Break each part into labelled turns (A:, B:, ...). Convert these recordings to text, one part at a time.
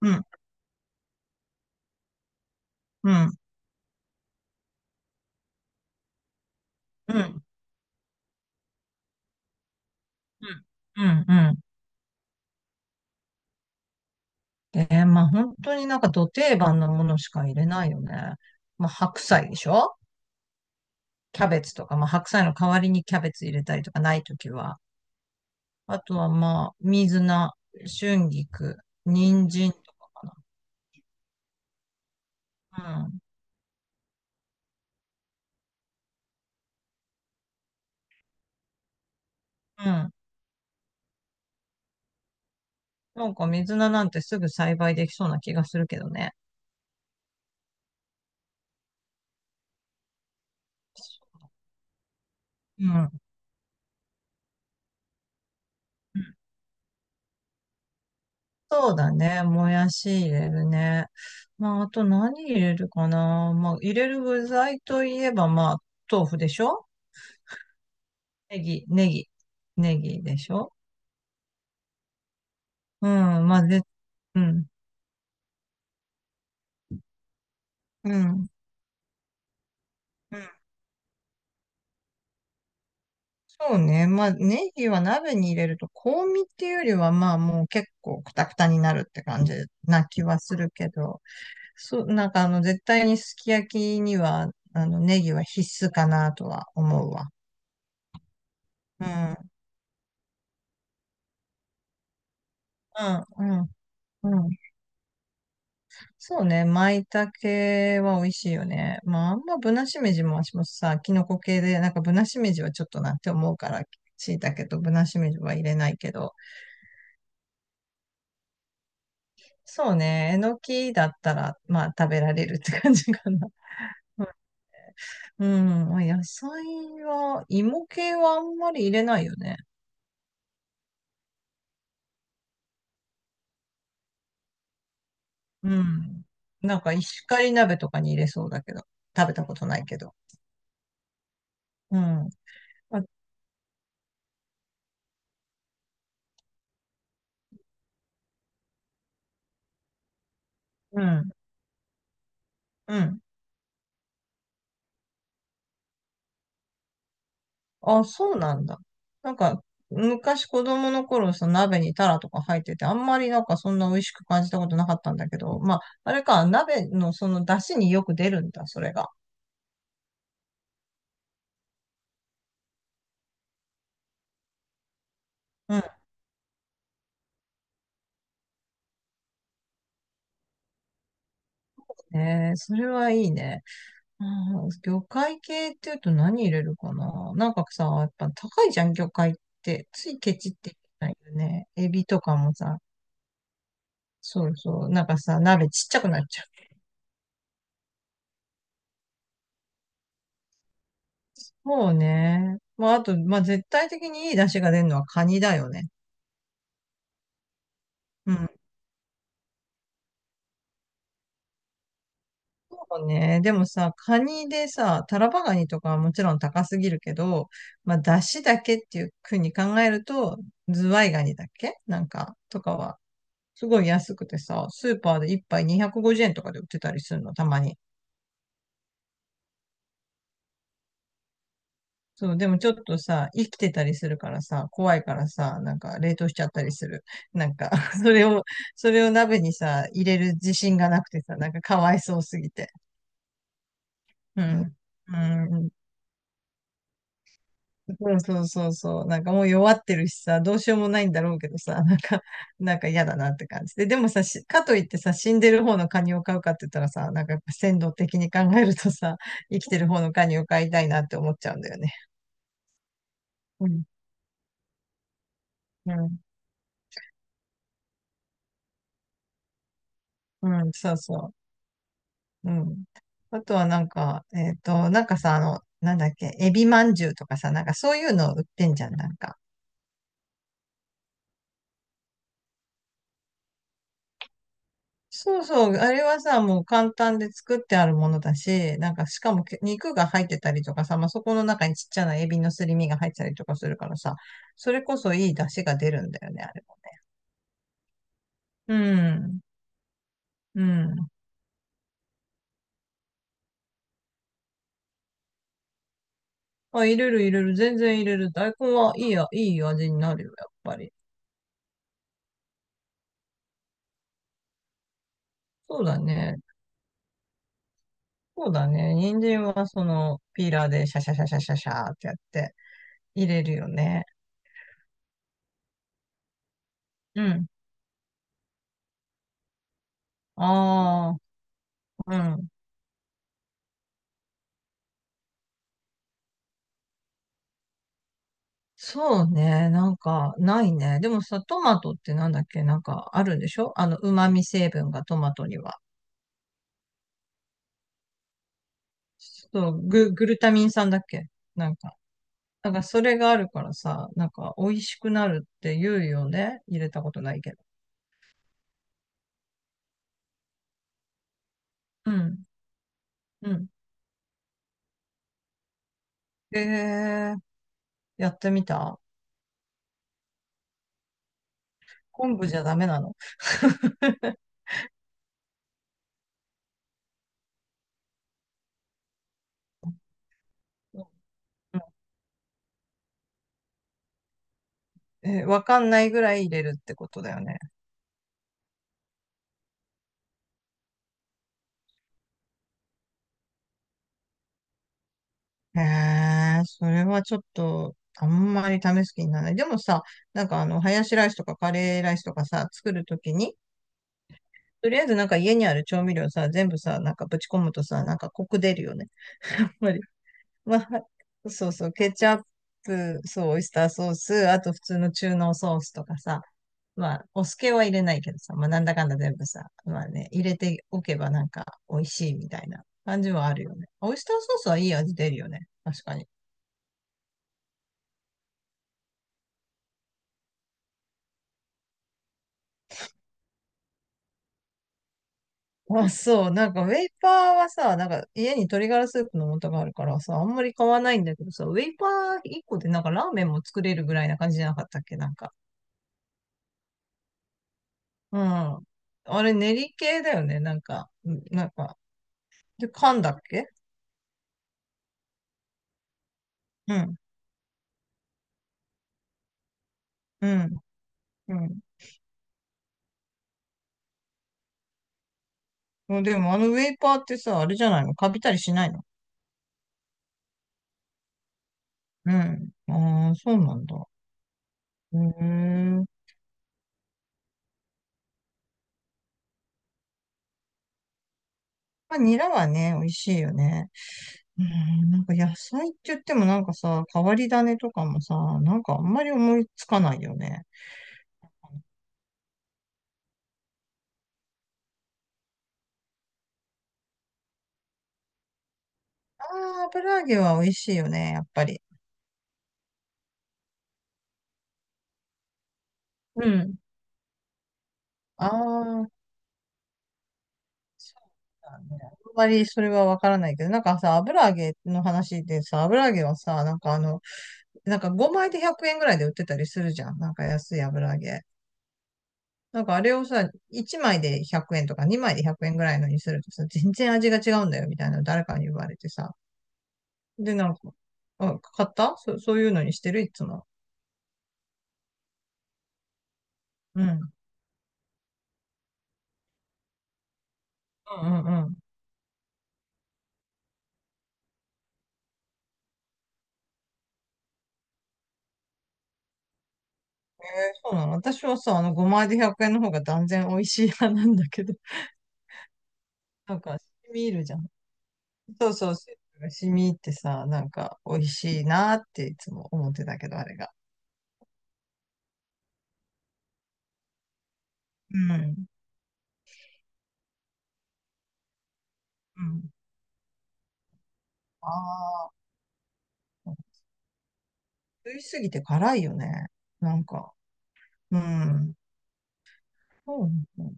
A: うん、うん、うん、うん、うん、うまあ本当になんか土定番のものしか入れないよね。まあ白菜でしょ。キャベツとか、まあ白菜の代わりにキャベツ入れたりとか、ないときは。あとはまあ、水菜、春菊、人参とかかな。うん、うん。なんか水菜なんてすぐ栽培できそうな気がするけどね。うん。そうだね。もやし入れるね。まあ、あと何入れるかな。まあ、入れる具材といえば、まあ、豆腐でしょ。ネギ、ネギ、ネギでしょ。うん、まあ、で、うん、うん、うん。そうね。まあ、ネギは鍋に入れると、香味っていうよりは、まあ、もう結構クタクタになるって感じな気はするけど、そう、なんかあの、絶対にすき焼きには、あの、ネギは必須かなとは思うわ。うん、うん、うん。うん、そうね、舞茸は美味しいよね。まあ、あんまぶなしめじも私もさ、キノコ系で、なんかぶなしめじはちょっとなって思うから、椎茸とぶなしめじは入れないけど、そうね、えのきだったら、まあ食べられるって感じかな。うん、うん、野菜は、芋系はあんまり入れないよね。うん。なんか石狩鍋とかに入れそうだけど、食べたことないけど。うん。あ、うん、うん。あ、そうなんだ。なんか、昔子供の頃、その鍋にタラとか入ってて、あんまりなんかそんな美味しく感じたことなかったんだけど、まあ、あれか、鍋のその出汁によく出るんだ、それが。うん。えー、それはいいね。うん、魚介系っていうと何入れるかな。なんかさ、やっぱ高いじゃん、魚介って。ついケチって言ないよね。エビとかもさ、そうそう、なんかさ、鍋ちっちゃくなっちゃう。そうね。まあ、あと、まあ、絶対的にいい出汁が出るのはカニだよね。うん、そうね。でもさ、カニでさ、タラバガニとかはもちろん高すぎるけど、まあ、出汁だけっていうふうに考えると、ズワイガニだっけなんか、とかは、すごい安くてさ、スーパーで一杯250円とかで売ってたりするの、たまに。そう、でもちょっとさ、生きてたりするからさ、怖いからさ、なんか冷凍しちゃったりする。なんか それを、それを鍋にさ、入れる自信がなくてさ、なんかかわいそうすぎて。うん。うん、うん、そうそうそう。なんかもう弱ってるしさ、どうしようもないんだろうけどさ、なんか、なんか嫌だなって感じで。でもさ、しかといってさ、死んでる方のカニを飼うかって言ったらさ、なんかやっぱ鮮度的に考えるとさ、生きてる方のカニを飼いたいなって思っちゃうんだよね。うん、うん、うん、そうそう。うん。あとはなんか、なんかさ、あの、なんだっけ、エビまんじゅうとかさ、なんかそういうの売ってんじゃん、なんか。そうそう、あれはさ、もう簡単で作ってあるものだし、なんかしかもけ肉が入ってたりとかさ、まあ、そこの中にちっちゃなエビのすり身が入ってたりとかするからさ、それこそいい出汁が出るんだよね、あれもね。うん。うん。あ、入れる入れる、全然入れる。大根はいいや、いい味になるよ、やっぱり。そうだね。そうだね。人参はそのピーラーでシャシャシャシャシャシャーってやって入れるよね。うん。ああ、うん。そうね。なんか、ないね。でもさ、トマトってなんだっけ、なんか、あるんでしょあの、旨味成分がトマトには。そう、グルタミン酸だっけなんか。なんか、それがあるからさ、なんか、美味しくなるって言うよね。入れたことないけど。うん。うん。えー、やってみた。昆布じゃダメなの？ うん、えわかんないぐらい入れるってことだよね。へえ、それはちょっと、あんまり試す気にならない。でもさ、なんかあの、ハヤシライスとかカレーライスとかさ、作るときに、とりあえずなんか家にある調味料さ、全部さ、なんかぶち込むとさ、なんかコク出るよね。やっぱり。まあ、そうそう、ケチャップ、そう、オイスターソース、あと普通の中濃ソースとかさ、まあ、お酢系は入れないけどさ、まあなんだかんだ全部さ、まあね、入れておけばなんか美味しいみたいな感じはあるよね。オイスターソースはいい味出るよね。確かに。あ、そう。なんか、ウェイパーはさ、なんか、家に鶏ガラスープの素があるからさ、あんまり買わないんだけどさ、ウェイパー1個でなんかラーメンも作れるぐらいな感じじゃなかったっけなんか。うん。あれ、練り系だよねなんか、うん、なんか、で、缶だっけ。うん、うん、うん。でも、あのウェイパーってさ、あれじゃないの、カビたりしないの？うん。ああ、そうなんだ。うーん。まあ、ニラはね、美味しいよね。うん、なんか野菜って言ってもなんかさ、変わり種とかもさ、なんかあんまり思いつかないよね。ああ、油揚げは美味しいよね、やっぱり。うん。ああ、そうだね。あんまりそれはわからないけど、なんかさ、油揚げの話でさ、油揚げはさ、なんかあの、なんか5枚で100円ぐらいで売ってたりするじゃん。なんか安い油揚げ。なんかあれをさ、1枚で100円とか2枚で100円ぐらいのにするとさ、全然味が違うんだよみたいなの誰かに言われてさ、で、なんか、あ、買った、そういうのにしてるいつも。うん。うん、うん、うん。えー、そうなの。私はさ、あの、5枚で100円の方が断然美味しい派なんだけど、なんか、染み入るじゃん。そうそう、スープが染み入ってさ、なんか、美味しいなっていつも思ってたけど、あれが。うん。うん。ああ、食いすぎて辛いよね。なんか、うん。そうね、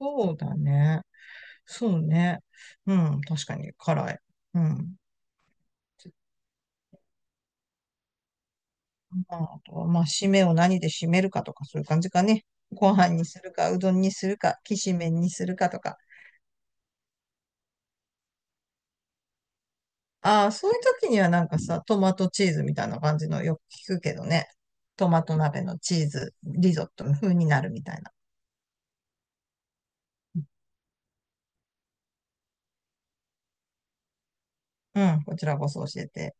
A: そうだね。そうね。うん、確かに辛い。うん。まあ、あとはまあ、締めを何で締めるかとか、そういう感じかね。ご飯にするか、うどんにするか、きしめんにするかとか。ああ、そういう時にはなんかさ、トマトチーズみたいな感じのよく聞くけどね。トマト鍋のチーズ、リゾットの風になるみたいな。うん、こちらこそ教えて。